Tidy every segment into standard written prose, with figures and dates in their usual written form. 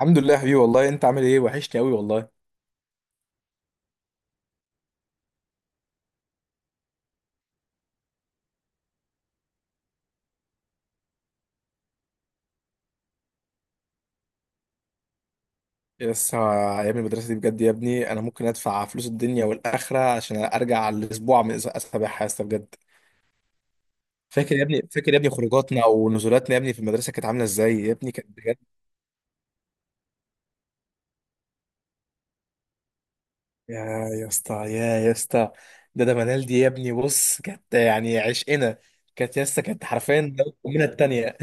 الحمد لله يا حبيبي، والله انت عامل ايه؟ وحشني قوي والله. لسه ايام المدرسه دي بجد يا ابني، انا ممكن ادفع فلوس الدنيا والاخره عشان ارجع على الاسبوع من اسابيعها يا اسطى بجد. فاكر يا ابني، فاكر يا ابني خروجاتنا ونزولاتنا يا ابني في المدرسه، كانت عامله ازاي يا ابني؟ كانت بجد. يا يا اسطى، يا اسطى. ده منال دي يا ابني، بص كانت يعني عشقنا. كانت يا اسطى، كانت حرفيا ده امنا التانيه.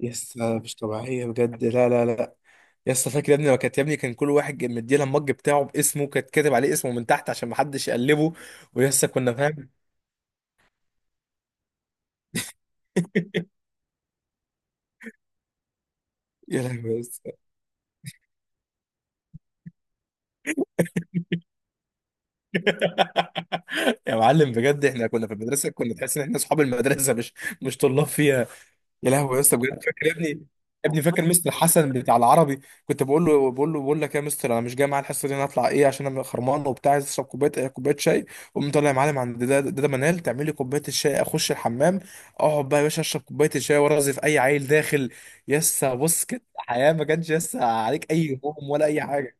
يسا مش طبيعية بجد، لا لا لا. يسا فاكر يا ابني لما كانت يا ابني، كان كل واحد مديلها المج بتاعه باسمه، كانت كاتب عليه اسمه من تحت عشان محدش يقلبه. ويسا كنا فاهم. يا لهوي يسا. يا معلم بجد، احنا كنا في المدرسة كنا تحس ان احنا اصحاب المدرسة مش طلاب فيها. يا لهوي يا اسطى بجد، فاكر يا ابني يا ابني؟ فاكر مستر حسن بتاع العربي، كنت بقول بقول لك يا مستر، انا مش جاي معايا الحصه دي، انا هطلع ايه عشان انا خرمان وبتاع، عايز اشرب كوبايه شاي. قوم طالع يا معلم عند ده منال تعمل لي كوبايه الشاي، اخش الحمام، اقعد بقى يا باشا اشرب كوبايه الشاي وارغي في اي عيل داخل. يسا بص كده، حياه ما كانش يسا عليك اي هموم ولا اي حاجه.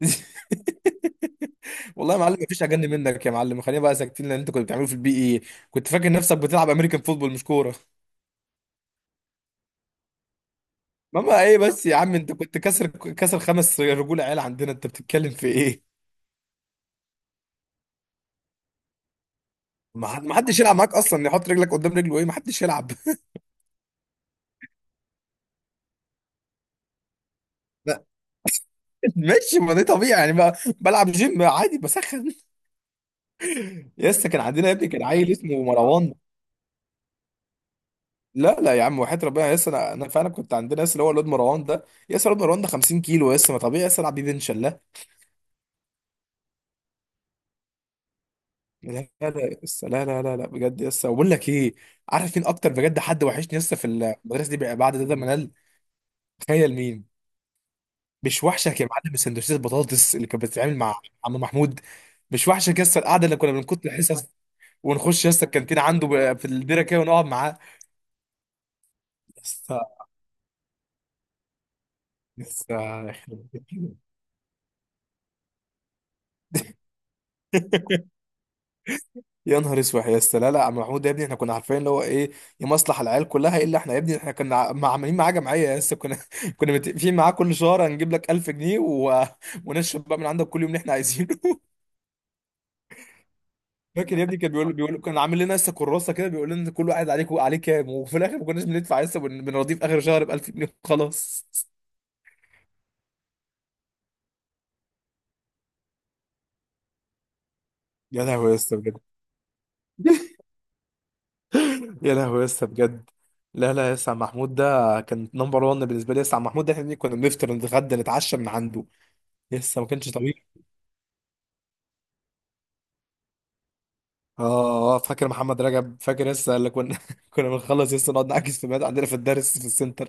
والله يا معلم مفيش اجن منك يا معلم، خلينا بقى ساكتين لان انت كنت بتعمله في البي اي، كنت فاكر نفسك بتلعب امريكان فوتبول مش كوره. ماما ايه بس يا عم؟ انت كنت كسر خمس رجول عيال عندنا، انت بتتكلم في ايه؟ ما حدش يلعب معاك اصلا يحط رجلك قدام رجله، ايه؟ ما حدش يلعب. لا، ماشي، ما ده طبيعي يعني، بقى بلعب جيم عادي، بسخن. لسه كان عندنا يا ابني، كان عيل اسمه مروان. لا لا يا عم، وحياة ربنا يس، انا فعلا كنت عندنا يس، اللي هو الواد مروان ده يس، الواد مروان ده 50 كيلو يس، ما طبيعي يس العب بيه بنش؟ لا لا لا يس، لا لا لا لا بجد يس. وبقول لك ايه، عارف مين اكتر بجد حد وحشني يس في المدرسه دي بعد ده منال؟ تخيل مين. مش وحشك يا معلم السندوتشات البطاطس اللي كانت بتتعمل مع عم محمود؟ مش وحشك يا اسطى القعده اللي كنا بنكت الحصص، ونخش يا اسطى الكانتين عنده في الديره كده ونقعد معاه؟ يا اسطى، يا اسطى، يخرب بيت. يا نهار اسود يا اسطى. لا لا، عم محمود ده يا ابني، احنا كنا عارفين اللي هو ايه، يمصلح العيال كلها الا احنا يا ابني. احنا كنا عاملين معاه جمعيه يا اسطى، كنا كنا متفقين معاه كل شهر هنجيب لك 1000 جنيه و... ونشرب بقى من عندك كل يوم اللي احنا عايزينه. فاكر يا ابني كان بيقول، كان عامل لنا لسه كراسه كده، بيقول لنا كل واحد عليك عليه كام، وفي الاخر ما كناش بندفع، لسه بنرضيه في اخر شهر ب 1000 جنيه وخلاص. يا لهوي يا اسطى بجد، يا لهوي يا اسطى بجد. لا لا يا اسطى، عم محمود ده كان نمبر 1 بالنسبه لي يا اسطى، عم محمود ده احنا كنا بنفطر نتغدى نتعشى من عنده. يا اسطى ما كانش طبيعي. اه آه، فاكر محمد رجب؟ فاكر لسه اللي كنا كنا بنخلص لسه نقعد نعكس في بيت عندنا في الدرس في السنتر.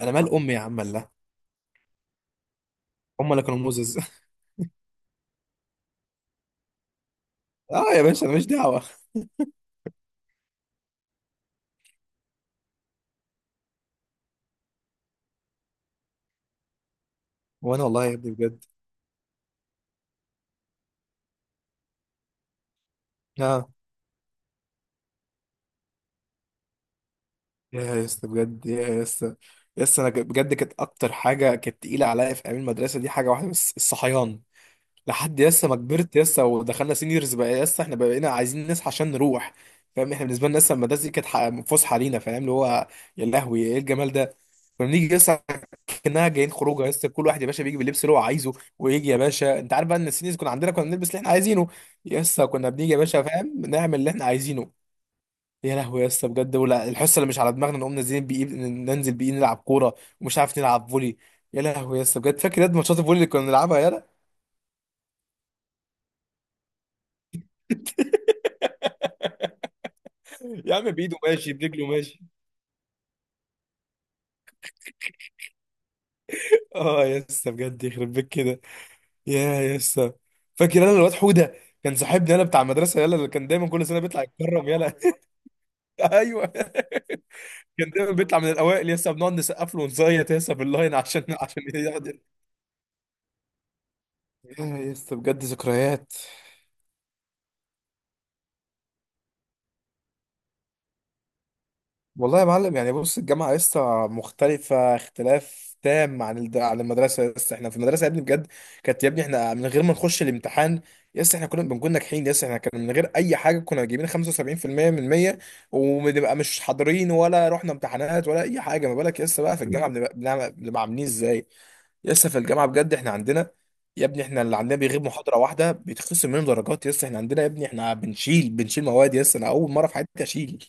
انا مال امي يا عم، الله. هم اللي كانوا موزز. اه يا باشا، انا مش دعوه. وانا والله يا ابني بجد. اه، يا اسطى بجد، يا اسطى. يا اسطى، انا بجد كانت اكتر حاجه كانت تقيله عليا في ايام المدرسه دي حاجه واحده بس، الصحيان. لحد يا اسطى ما كبرت يا اسطى، ودخلنا سينيورز بقى يا اسطى، احنا بقينا عايزين نصحى عشان نروح. فاهم احنا بالنسبه لنا لسه المدرسه دي كانت فسحه لينا، فاهم اللي هو؟ يا لهوي ايه الجمال ده. كنا بنيجي يا اسطى كانها جايين خروجه يا اسطى، كل واحد يا باشا بيجي باللبس اللي هو عايزه، ويجي يا باشا. انت عارف بقى ان السينيورز كنا عندنا كنا بنلبس اللي احنا عايزينه. يا اسطى كنا بنيجي يا باشا، فاهم؟ نعمل اللي احنا عايزينه. يا لهوي يا اسطى بجد، ولا الحصه اللي مش على دماغنا نقوم نازلين بيه، ننزل بيه نلعب كوره، ومش عارف نلعب فولي. يا لهوي يا اسطى بجد، فاكر ياد ماتشات الفولي اللي كنا بنلعبها يالا. يا عم بايده ماشي، برجله ماشي. اه يا اسطى بجد، يخرب بيك كده. يا اسطى. فاكر انا الواد حوده، كان صاحبنا يالا بتاع المدرسه يالا، اللي كان دايما كل سنه بيطلع يتكرم يالا. ايوه. كان دايما بيطلع من الاوائل يا اسطى، بنقعد نسقف له ونزيط يا اسطى باللاين عشان يقعد يا. يا اسطى بجد ذكريات. والله يا معلم يعني بص، الجامعة لسه مختلفة اختلاف تام عن عن المدرسة. لسه احنا في المدرسة يا ابني بجد، كانت يا ابني احنا من غير ما نخش الامتحان لسه احنا كنا بنكون ناجحين. لسه احنا كنا من غير أي حاجة كنا جايبين 75% من 100، وبنبقى مش حاضرين ولا رحنا امتحانات ولا أي حاجة. ما بالك لسه بقى في الجامعة بنبقى بنبقى عاملين ازاي. لسه في الجامعة بجد احنا عندنا يا ابني، احنا اللي عندنا بيغيب محاضرة واحدة بيتخصم منه درجات. لسه احنا عندنا يا ابني، احنا بنشيل مواد، لسه انا أول مرة في حياتي أشيل.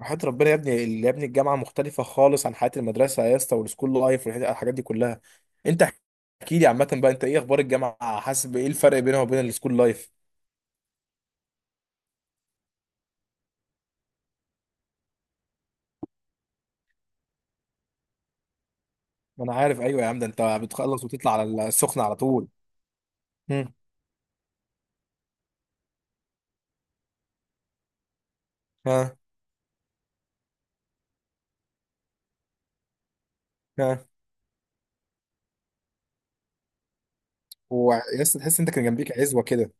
وحياة ربنا يا ابني، يا ابني الجامعة مختلفة خالص عن حياة المدرسة يا اسطى، والسكول لايف والحاجات دي كلها. انت احكي لي عامة بقى، انت ايه اخبار الجامعة؟ حاسس بايه الفرق بينها وبين السكول لايف؟ ما انا عارف، ايوه يا عم، ده انت بتخلص وتطلع على السخنة على طول. هم. ها. ها. ويا اسطى تحس انت كان جنبيك عزوة كده.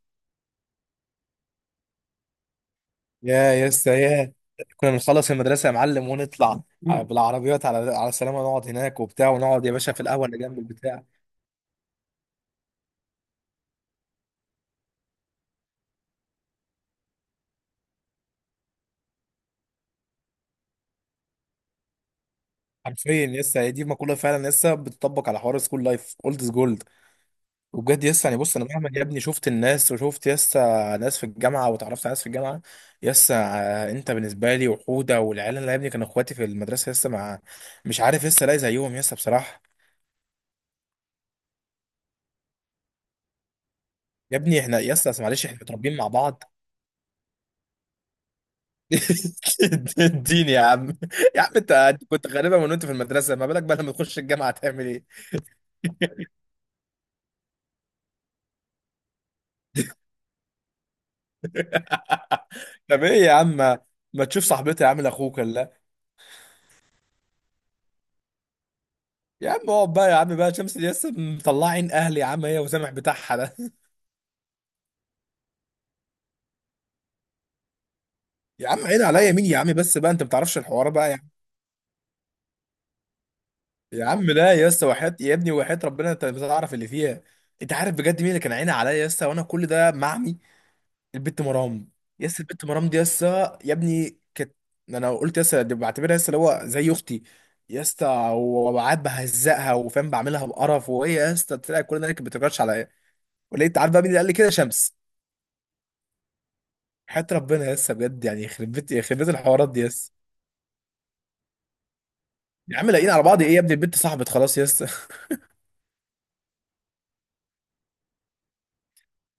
يا يا اسطى يا. كنا بنخلص المدرسة يا معلم، ونطلع بالعربيات على السلامة، نقعد هناك وبتاع، ونقعد يا باشا في القهوة اللي جنب البتاع. حرفيا لسه هي دي مقولة، فعلا لسه بتطبق على حوار السكول لايف، اولد جولد. وبجد يسا يعني بص، انا مهما يا ابني شفت الناس وشفت يسا ناس في الجامعه واتعرفت على ناس في الجامعه يسا آه، انت بالنسبه لي وحوده والعيال اللي يا ابني كانوا اخواتي في المدرسه يسا، مع مش عارف يسا الاقي زيهم يسا بصراحه. يا ابني احنا يسا، بس معلش احنا متربيين مع بعض. الدين يا عم. يا عم انت أنت كنت غالبا من وانت في المدرسه، ما بالك بقى لما تخش الجامعه تعمل ايه؟ طب ايه يا عم، ما تشوف صاحبتي يا عم لاخوك، ولا؟ يا عم اقعد بقى يا عم بقى، شمس ياسا مطلعين اهلي يا عم، هي وسامح بتاعها. يا عم عيد عليا مين يا عم بس بقى، انت ما بتعرفش الحوار بقى يا عم. يا عم لا يا اسطى، وحياة يا ابني، وحياة ربنا انت مش هتعرف اللي فيها. انت عارف بجد مين اللي كان عيني عليا يا اسطى، وانا كل ده معمي؟ البت مرام. يا اسطى البت مرام دي يا اسطى يا ابني كانت، انا قلت يا اسطى دي بعتبرها يا اسطى اللي هو زي اختي يا اسطى. وقعد بهزقها وفاهم، بعملها بقرف، وهي يا اسطى طلعت كل ده اللي كانت بتكرش عليا. ولقيت عارف بقى مين اللي قال لي كده؟ شمس. حياة ربنا يا اسطى بجد يعني، يخرب بيت الحوارات دي يا اسطى. يا عم لاقيين على بعض ايه يا ابني؟ البت صاحبت خلاص يا اسطى.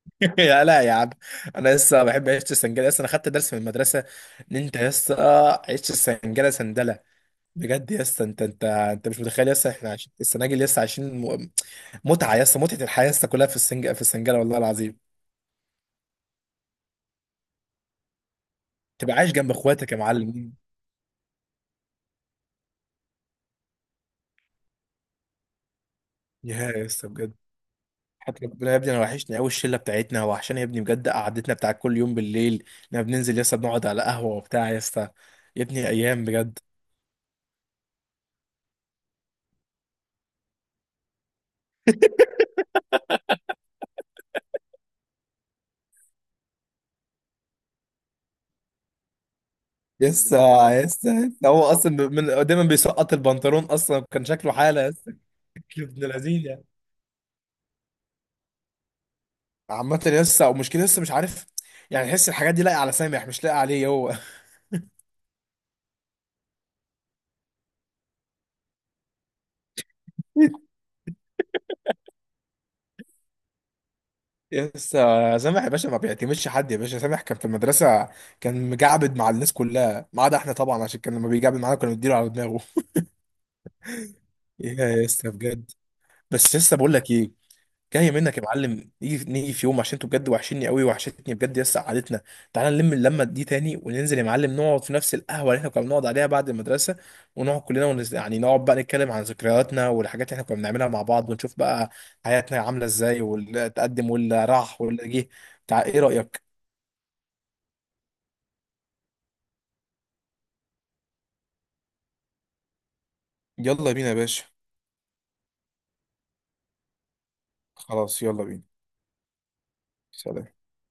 يا لا يا عم. انا لسه بحب عيش السنجله، لسه انا خدت درس من المدرسه ان انت لسه عيش السنجله سندله. بجد لسه انت مش متخيل، لسه احنا عايشين السناجل، لسه عايشين متعه. لسه متعه الحياه لسه كلها في في السنجله والله العظيم. تبقى عايش جنب اخواتك يا معلم. يا لسه بجد. حتى ربنا يا ابني، انا وحشني قوي الشله بتاعتنا، وحشاني يا ابني بجد، قعدتنا بتاع كل يوم بالليل لما بننزل، لسه بنقعد على قهوه وبتاع. لسه يا ابني ايام بجد. يسا، يسا يسا، هو اصلا من دايما بيسقط البنطلون، اصلا كان شكله حاله يسا. كان شكله ابن لذيذ يعني. عامة يسا، ومشكلة يسا، مش عارف يعني، تحس الحاجات دي لاقية على سامح مش لاقية عليه هو. يسا سامح يا باشا ما بيعتمدش حد يا باشا، سامح كان في المدرسة كان مجعبد مع الناس كلها ما عدا احنا طبعا، عشان كان لما بيجعبد معانا كنا بنديله على دماغه. يا يسا بجد. بس يسا بقول لك ايه، جايه منك يا معلم، نيجي في يوم عشان انتوا بجد وحشني قوي، وحشتني بجد يس قعدتنا. تعالى نلم اللمه دي تاني، وننزل يا معلم نقعد في نفس القهوه اللي احنا كنا بنقعد عليها بعد المدرسه، ونقعد كلنا يعني نقعد بقى نتكلم عن ذكرياتنا والحاجات اللي احنا كنا بنعملها مع بعض، ونشوف بقى حياتنا عامله ازاي، واللي تقدم واللي راح واللي جه. ايه رايك؟ يلا بينا يا باشا. خلاص يلا بينا. سلام.